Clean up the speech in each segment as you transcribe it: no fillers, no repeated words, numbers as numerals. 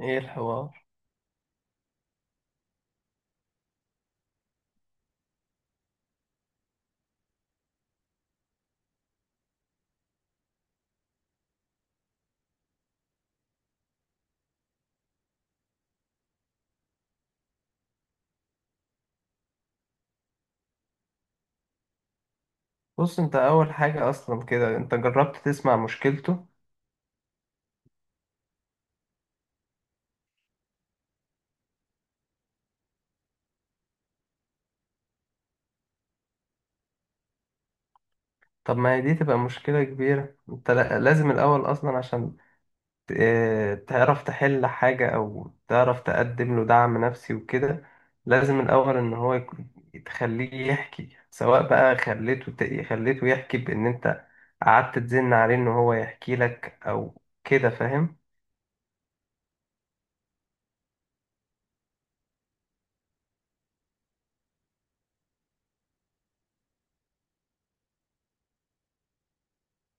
ايه الحوار؟ بص، انت اول حاجة اصلا كده انت جربت تسمع مشكلته؟ طب ما هي دي تبقى مشكلة كبيرة. انت لازم الاول اصلا عشان تعرف تحل حاجة او تعرف تقدم له دعم نفسي وكده. لازم الاول ان تخليه يحكي، سواء بقى خليته خليته يحكي، بان انت قعدت تزن عليه ان هو يحكي لك او كده، فاهم؟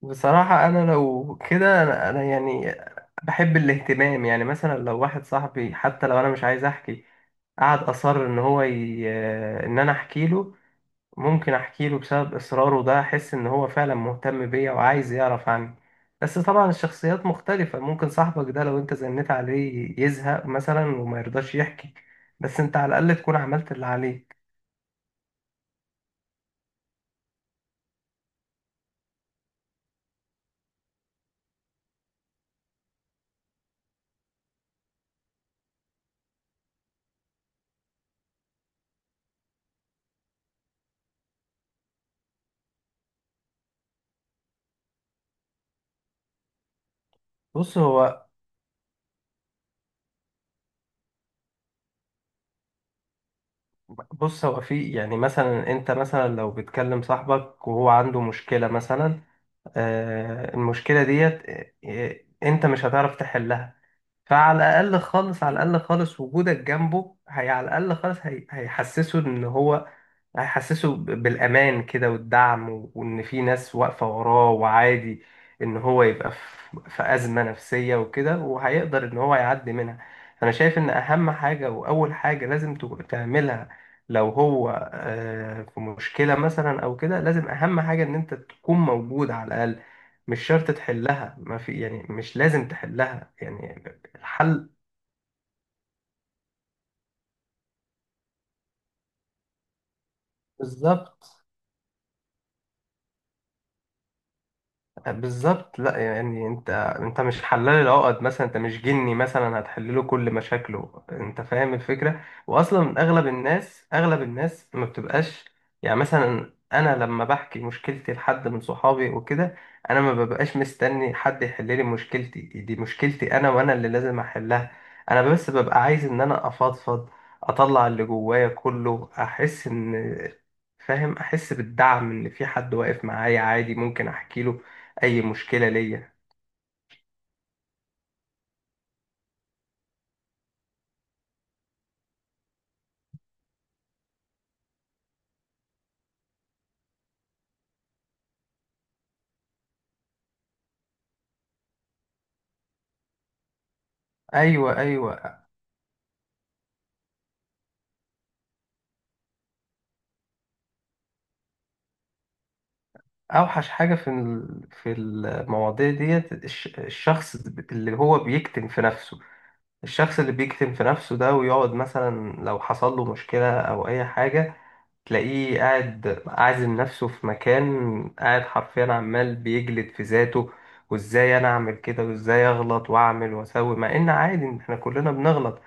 بصراحة انا لو كده، أنا يعني بحب الاهتمام. يعني مثلا لو واحد صاحبي حتى لو انا مش عايز احكي، قعد اصر ان هو ي... آه، ان انا احكي له، ممكن احكي له بسبب اصراره ده، احس ان هو فعلا مهتم بيا وعايز يعرف عني. بس طبعا الشخصيات مختلفة، ممكن صاحبك ده لو انت زنيت عليه يزهق مثلا وما يرضاش يحكي، بس انت على الاقل تكون عملت اللي عليك. بص هو، بص هو في يعني، مثلا انت مثلا لو بتكلم صاحبك وهو عنده مشكلة مثلا، المشكلة ديت انت مش هتعرف تحلها. فعلى الأقل خالص، على الأقل خالص وجودك جنبه، هي على الأقل خالص، هيحسسه إن هو هيحسسه بالأمان كده، والدعم وإن في ناس واقفة وراه، وعادي إن هو يبقى في أزمة نفسية وكده، وهيقدر إن هو يعدي منها. أنا شايف إن أهم حاجة وأول حاجة لازم تعملها لو هو في مشكلة مثلا أو كده، لازم أهم حاجة إن أنت تكون موجود على الأقل. مش شرط تحلها، ما في يعني مش لازم تحلها يعني. الحل بالظبط، بالظبط. لا يعني انت، انت مش حلال العقد مثلا، انت مش جني مثلا هتحل له كل مشاكله، انت فاهم الفكره. واصلا اغلب الناس، اغلب الناس ما بتبقاش، يعني مثلا انا لما بحكي مشكلتي لحد من صحابي وكده، انا ما ببقاش مستني حد يحل لي مشكلتي، دي مشكلتي انا وانا اللي لازم احلها. انا بس ببقى عايز ان انا افضفض، اطلع اللي جوايا كله، احس ان، فاهم، احس بالدعم ان في حد واقف معايا، عادي ممكن احكي له اي مشكله ليا. ايوه، ايوه، اوحش حاجه في في المواضيع ديت، الشخص اللي هو بيكتم في نفسه. الشخص اللي بيكتم في نفسه ده ويقعد مثلا لو حصل له مشكله او اي حاجه، تلاقيه قاعد عازم نفسه في مكان، قاعد حرفيا عمال بيجلد في ذاته، وازاي انا اعمل كده، وازاي اغلط واعمل واسوي، مع ان عادي إن احنا كلنا بنغلط.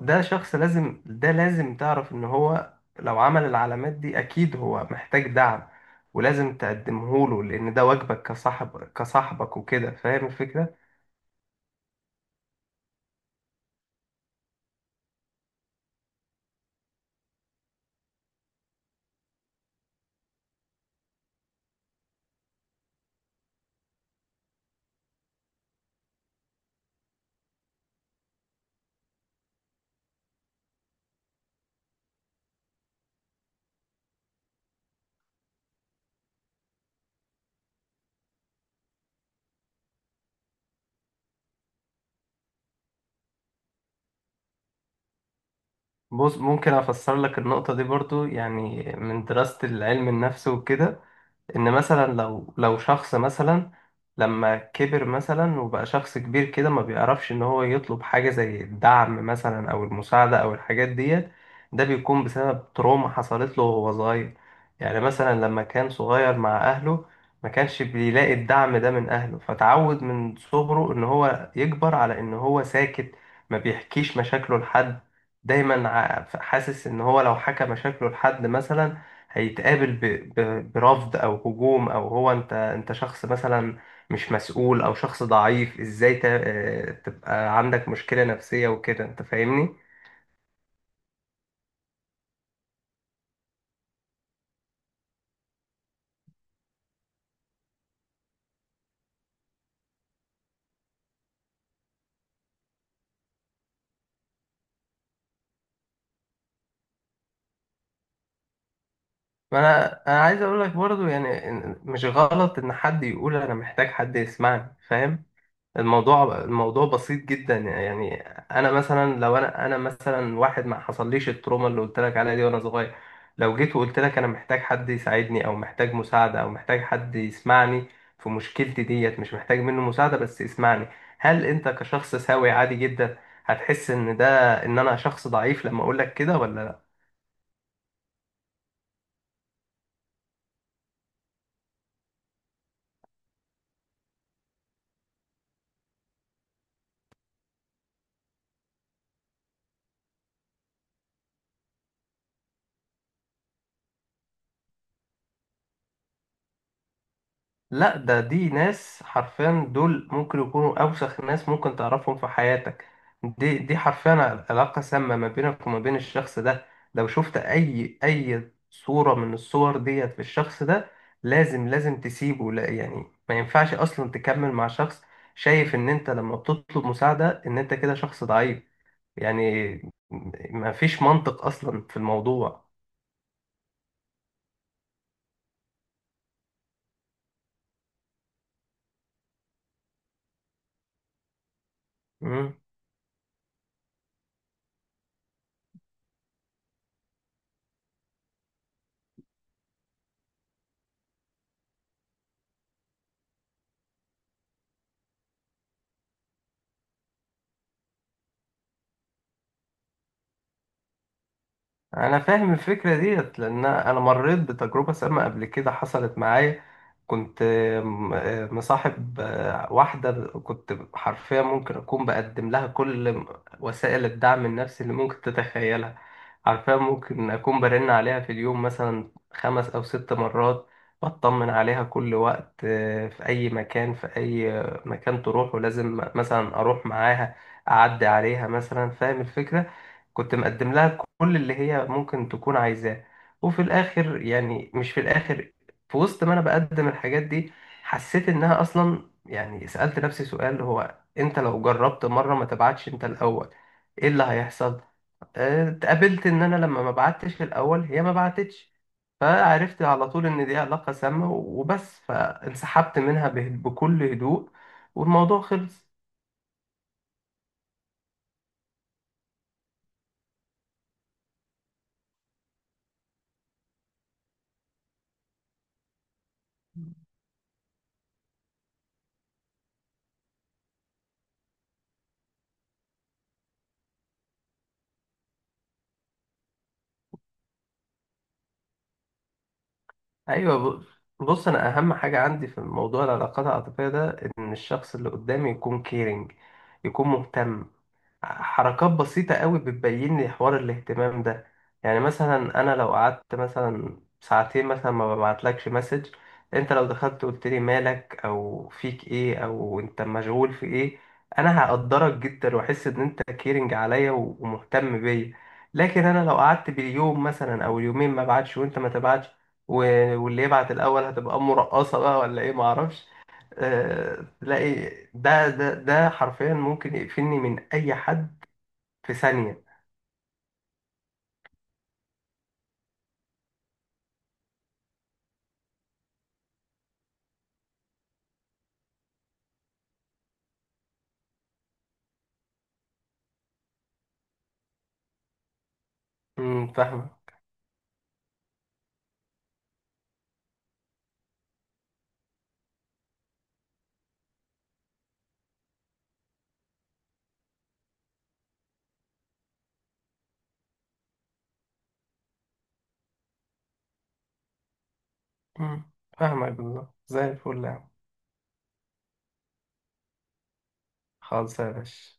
ده شخص لازم، ده لازم تعرف ان هو لو عمل العلامات دي اكيد هو محتاج دعم، ولازم تقدمه له لان ده واجبك كصاحب، كصاحبك وكده، فاهم الفكرة؟ بص ممكن افسر لك النقطة دي برضو يعني من دراسة العلم النفس وكده، ان مثلا لو شخص مثلا لما كبر مثلا وبقى شخص كبير كده، ما بيعرفش ان هو يطلب حاجة زي الدعم مثلا او المساعدة او الحاجات ديت، ده بيكون بسبب تروما حصلت له وهو صغير. يعني مثلا لما كان صغير مع اهله، ما كانش بيلاقي الدعم ده من اهله، فتعود من صغره ان هو يكبر على ان هو ساكت، ما بيحكيش مشاكله لحد. دايما حاسس ان هو لو حكى مشاكله لحد مثلا، هيتقابل برفض او هجوم، او هو انت، انت شخص مثلا مش مسؤول او شخص ضعيف، ازاي ت... آه، تبقى عندك مشكلة نفسية وكده، انت فاهمني؟ فانا، انا عايز اقول لك برضو يعني مش غلط ان حد يقول انا محتاج حد يسمعني، فاهم؟ الموضوع بسيط جدا يعني. انا مثلا لو انا مثلا واحد ما حصليش التروما اللي قلت لك عليها دي وانا صغير، لو جيت وقلت لك انا محتاج حد يساعدني او محتاج مساعده او محتاج حد يسمعني في مشكلتي ديت، مش محتاج منه مساعده بس يسمعني، هل انت كشخص سوي عادي جدا هتحس ان ده، ان انا شخص ضعيف لما اقول لك كده ولا لا؟ لا، ده دي ناس حرفيا، دول ممكن يكونوا أوسخ ناس ممكن تعرفهم في حياتك. دي دي حرفيا علاقة سامة ما بينك وما بين الشخص ده. لو شفت أي صورة من الصور ديت في الشخص ده، لازم، لازم تسيبه. لا يعني ما ينفعش أصلا تكمل مع شخص شايف إن أنت لما بتطلب مساعدة إن أنت كده شخص ضعيف يعني. ما فيش منطق أصلا في الموضوع. انا فاهم الفكره ديت لان انا مريت بتجربه سامه قبل كده، حصلت معايا. كنت مصاحب واحده، كنت حرفيا ممكن اكون بقدم لها كل وسائل الدعم النفسي اللي ممكن تتخيلها. حرفيا ممكن اكون برن عليها في اليوم مثلا خمس او ست مرات، بطمن عليها كل وقت، في اي مكان، في اي مكان تروح ولازم مثلا اروح معاها، اعدي عليها مثلا، فاهم الفكره؟ كنت مقدم لها كل اللي هي ممكن تكون عايزاه. وفي الاخر يعني، مش في الاخر، في وسط ما انا بقدم الحاجات دي، حسيت انها اصلا، يعني سألت نفسي سؤال، هو انت لو جربت مرة ما تبعتش انت الاول ايه اللي هيحصل؟ اتقابلت ان انا لما ما بعتش الاول هي ما بعتتش، فعرفت على طول ان دي علاقة سامة وبس، فانسحبت منها بكل هدوء، والموضوع خلص. ايوه، بص، انا اهم حاجه عندي في موضوع العلاقات العاطفيه ده ان الشخص اللي قدامي يكون كيرنج، يكون مهتم. حركات بسيطة قوي بتبين لي حوار الاهتمام ده. يعني مثلا أنا لو قعدت مثلا ساعتين مثلا ما ببعتلكش مسج، أنت لو دخلت قلت لي مالك أو فيك إيه أو أنت مشغول في إيه، أنا هقدرك جدا وأحس إن أنت كيرنج عليا ومهتم بيا. لكن أنا لو قعدت باليوم مثلا أو اليومين ما بعتش وأنت ما تبعتش، واللي يبعت الأول هتبقى مرقصة بقى ولا إيه، معرفش. تلاقي ده حرفيا ممكن يقفلني من أي حد في ثانية. امم، فاهمة. امم، فاهمة بالله، زي الفل يا عم. خالص يا باشا.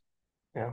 يلا.